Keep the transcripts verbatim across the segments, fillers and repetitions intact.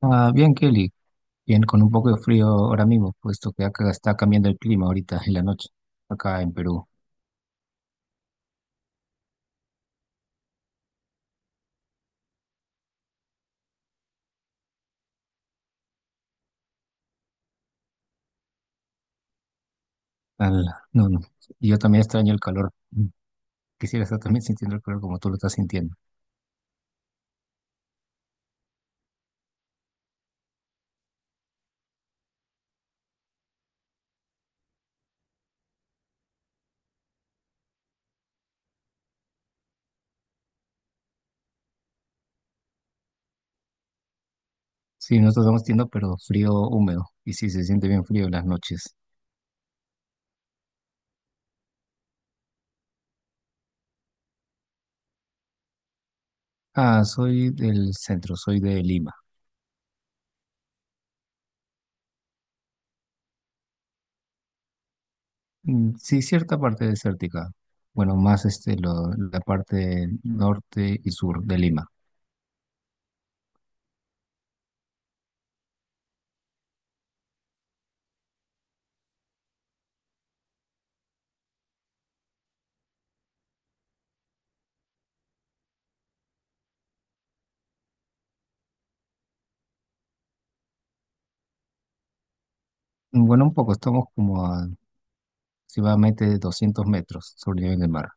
Ah, bien, Kelly, bien, con un poco de frío ahora mismo, puesto que acá está cambiando el clima ahorita en la noche, acá en Perú. Al- no, no, y yo también extraño el calor. Mm, Quisiera estar también sintiendo el calor como tú lo estás sintiendo. Sí, nosotros estamos sintiendo, pero frío húmedo, y sí, se siente bien frío en las noches. Ah, soy del centro, soy de Lima. Mm, sí, cierta parte desértica. Bueno, más este, lo- la parte norte y sur de Lima. Mm, bueno, un poco, estamos como a aproximadamente doscientos metros sobre el nivel del mar.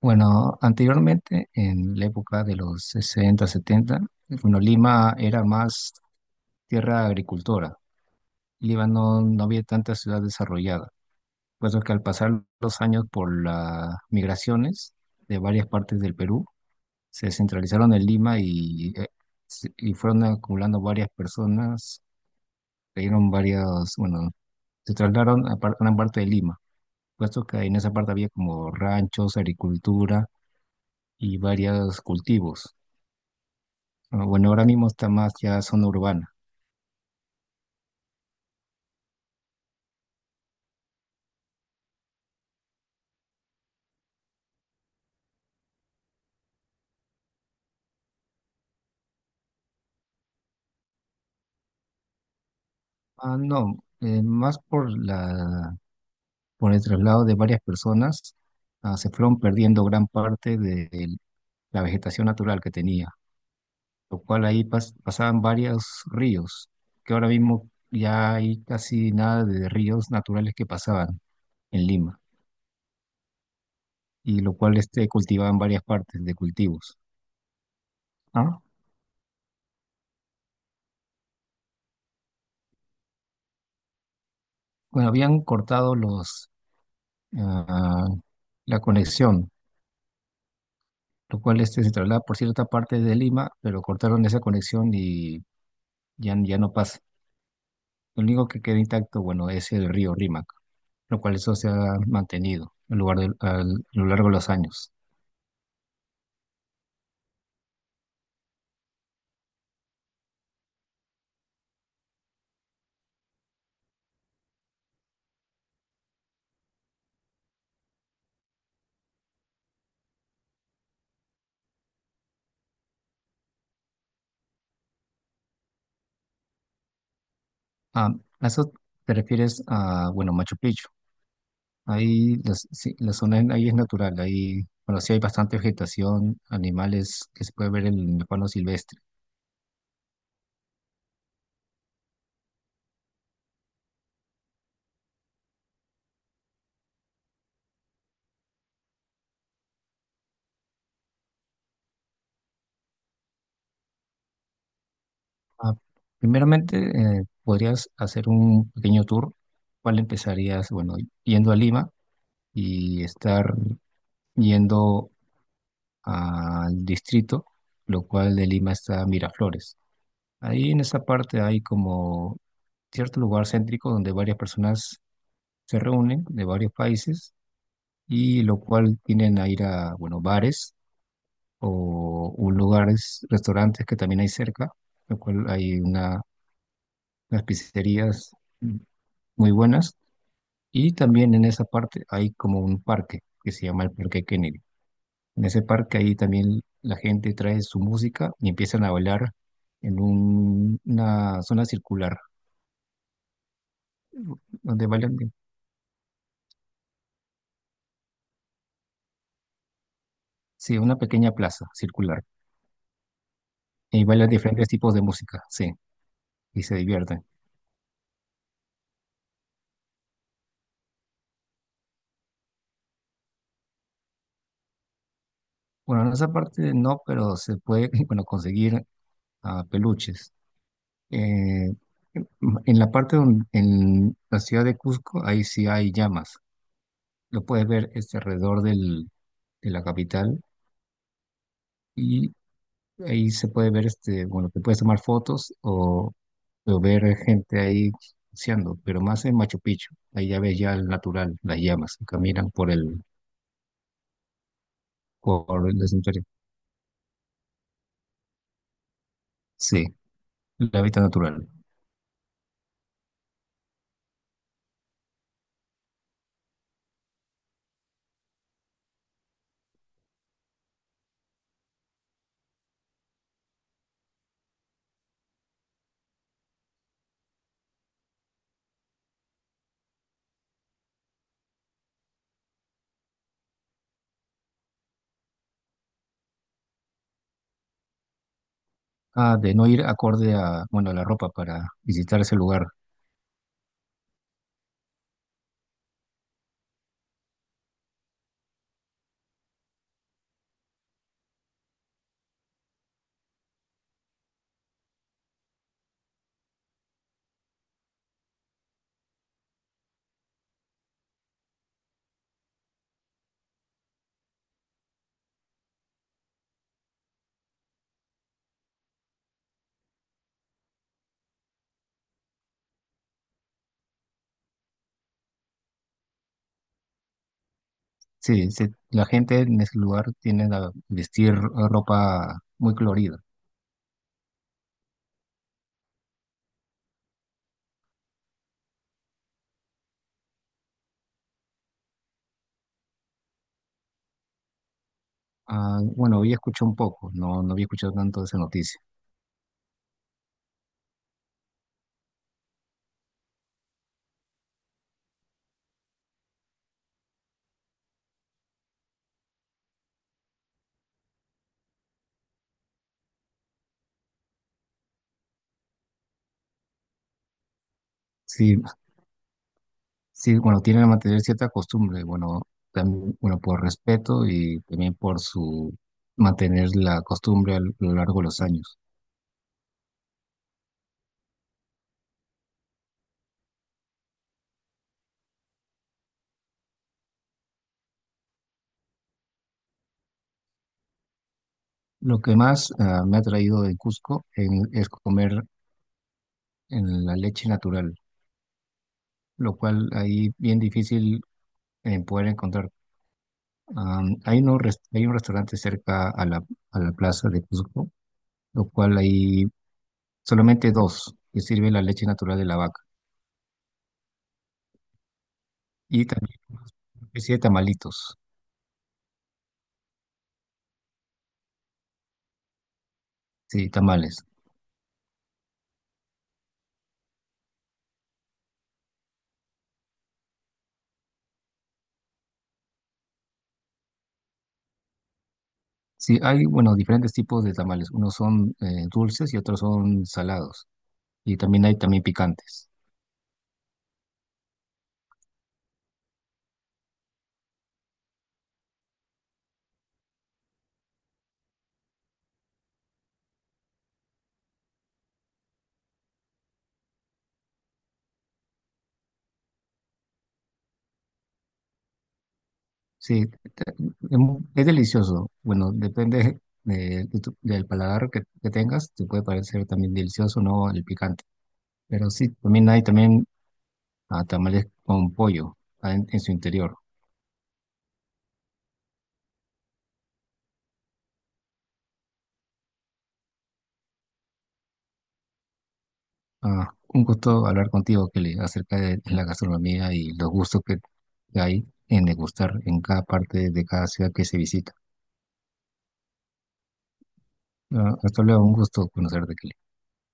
Bueno, anteriormente, en la época de los sesenta, setenta, bueno, Lima era más tierra agricultora. Lima no, No había tanta ciudad desarrollada, puesto que al pasar los años por las migraciones de varias partes del Perú, se centralizaron en Lima y, eh, se- y fueron acumulando varias personas, cayeron varios, bueno, se trasladaron a par- gran parte de Lima, puesto que en esa parte había como ranchos, agricultura y varios cultivos. Ah, Bueno, ahora mismo está más ya zona urbana. Ah, no, eh, más por la, por el traslado de varias personas, ah, se fueron perdiendo gran parte de, de la vegetación natural que tenía, lo cual ahí pas- pasaban varios ríos, que ahora mismo ya hay casi nada de ríos naturales que pasaban en Lima, y lo cual este, cultivaban varias partes de cultivos. Ah, Bueno, habían cortado los, ah, la conexión lo cual este se traslada por cierta parte de Lima, pero cortaron esa conexión y ya, ya no pasa. Lo único que queda intacto, bueno, es el río Rímac, lo cual eso se ha mantenido a, lugar de- al- a lo largo de los años. Ah, a eso te refieres a, bueno, Machu Picchu. Ahí las- sí, la zona en- ahí es natural, ahí, bueno, sí hay bastante vegetación, animales que se puede ver en el pano silvestre. Ah, Primeramente, eh, podrías hacer un pequeño tour. ¿Cuál empezarías? Bueno, yendo a Lima y estar yendo al distrito, lo cual de Lima está Miraflores. Ahí en esa parte hay como cierto lugar céntrico donde varias personas se reúnen de varios países y lo cual tienen a ir a, bueno, bares o un lugares, restaurantes que también hay cerca, lo cual hay una, unas pizzerías muy buenas. Y también en esa parte hay como un parque que se llama el Parque Kennedy. En ese parque ahí también la gente trae su música y empiezan a bailar en un- una zona circular, donde bailan, de- sí, una pequeña plaza circular. Y bailan diferentes tipos de música, sí, y se divierten. Bueno, en esa parte no, pero se puede, bueno, conseguir ah, peluches. Eh, en la parte donde, en la ciudad de Cusco, ahí sí hay llamas. Lo puedes ver este, alrededor del, de la capital y ahí se puede ver, este, bueno, te puedes tomar fotos o o ver gente ahí buceando, pero más en Machu Picchu. Ahí ya ves ya el natural, las llamas que caminan por el, por el santuario. Sí, el hábitat natural. Ah, de no ir acorde a, bueno, a la ropa para visitar ese lugar. Sí, sí, la gente en ese lugar tiene a vestir ropa muy colorida. Ah, bueno, había escuchado un poco, no, no había escuchado tanto de esa noticia. Sí, sí, bueno, tienen que mantener cierta costumbre, bueno, también, bueno, por respeto y también por su mantener la costumbre a lo largo de los años. Lo que más ah, me ha traído de Cusco en- es comer en la leche natural, lo cual ahí bien difícil eh, poder encontrar. Am, hay, uno res- hay un restaurante cerca a la, a la plaza de Cusco, lo cual hay solamente dos que sirven la leche natural de la vaca y también una especie de tamalitos, sí, tamales. Sí, hay, bueno, diferentes tipos de tamales. Unos son eh, dulces y otros son salados. Y también hay también picantes. Sí, te- em, es delicioso. Bueno, depende de- de tu- del paladar que, que tengas. Te puede parecer también delicioso o no el picante. Pero sí, también hay también ah, tamales con pollo ah, en, en su interior. Ah, un gusto hablar contigo, Kelly, acerca de la gastronomía y los gustos que que hay en degustar en cada parte de cada ciudad que se visita. Ah, hasta luego, un gusto conocerte, Kelly.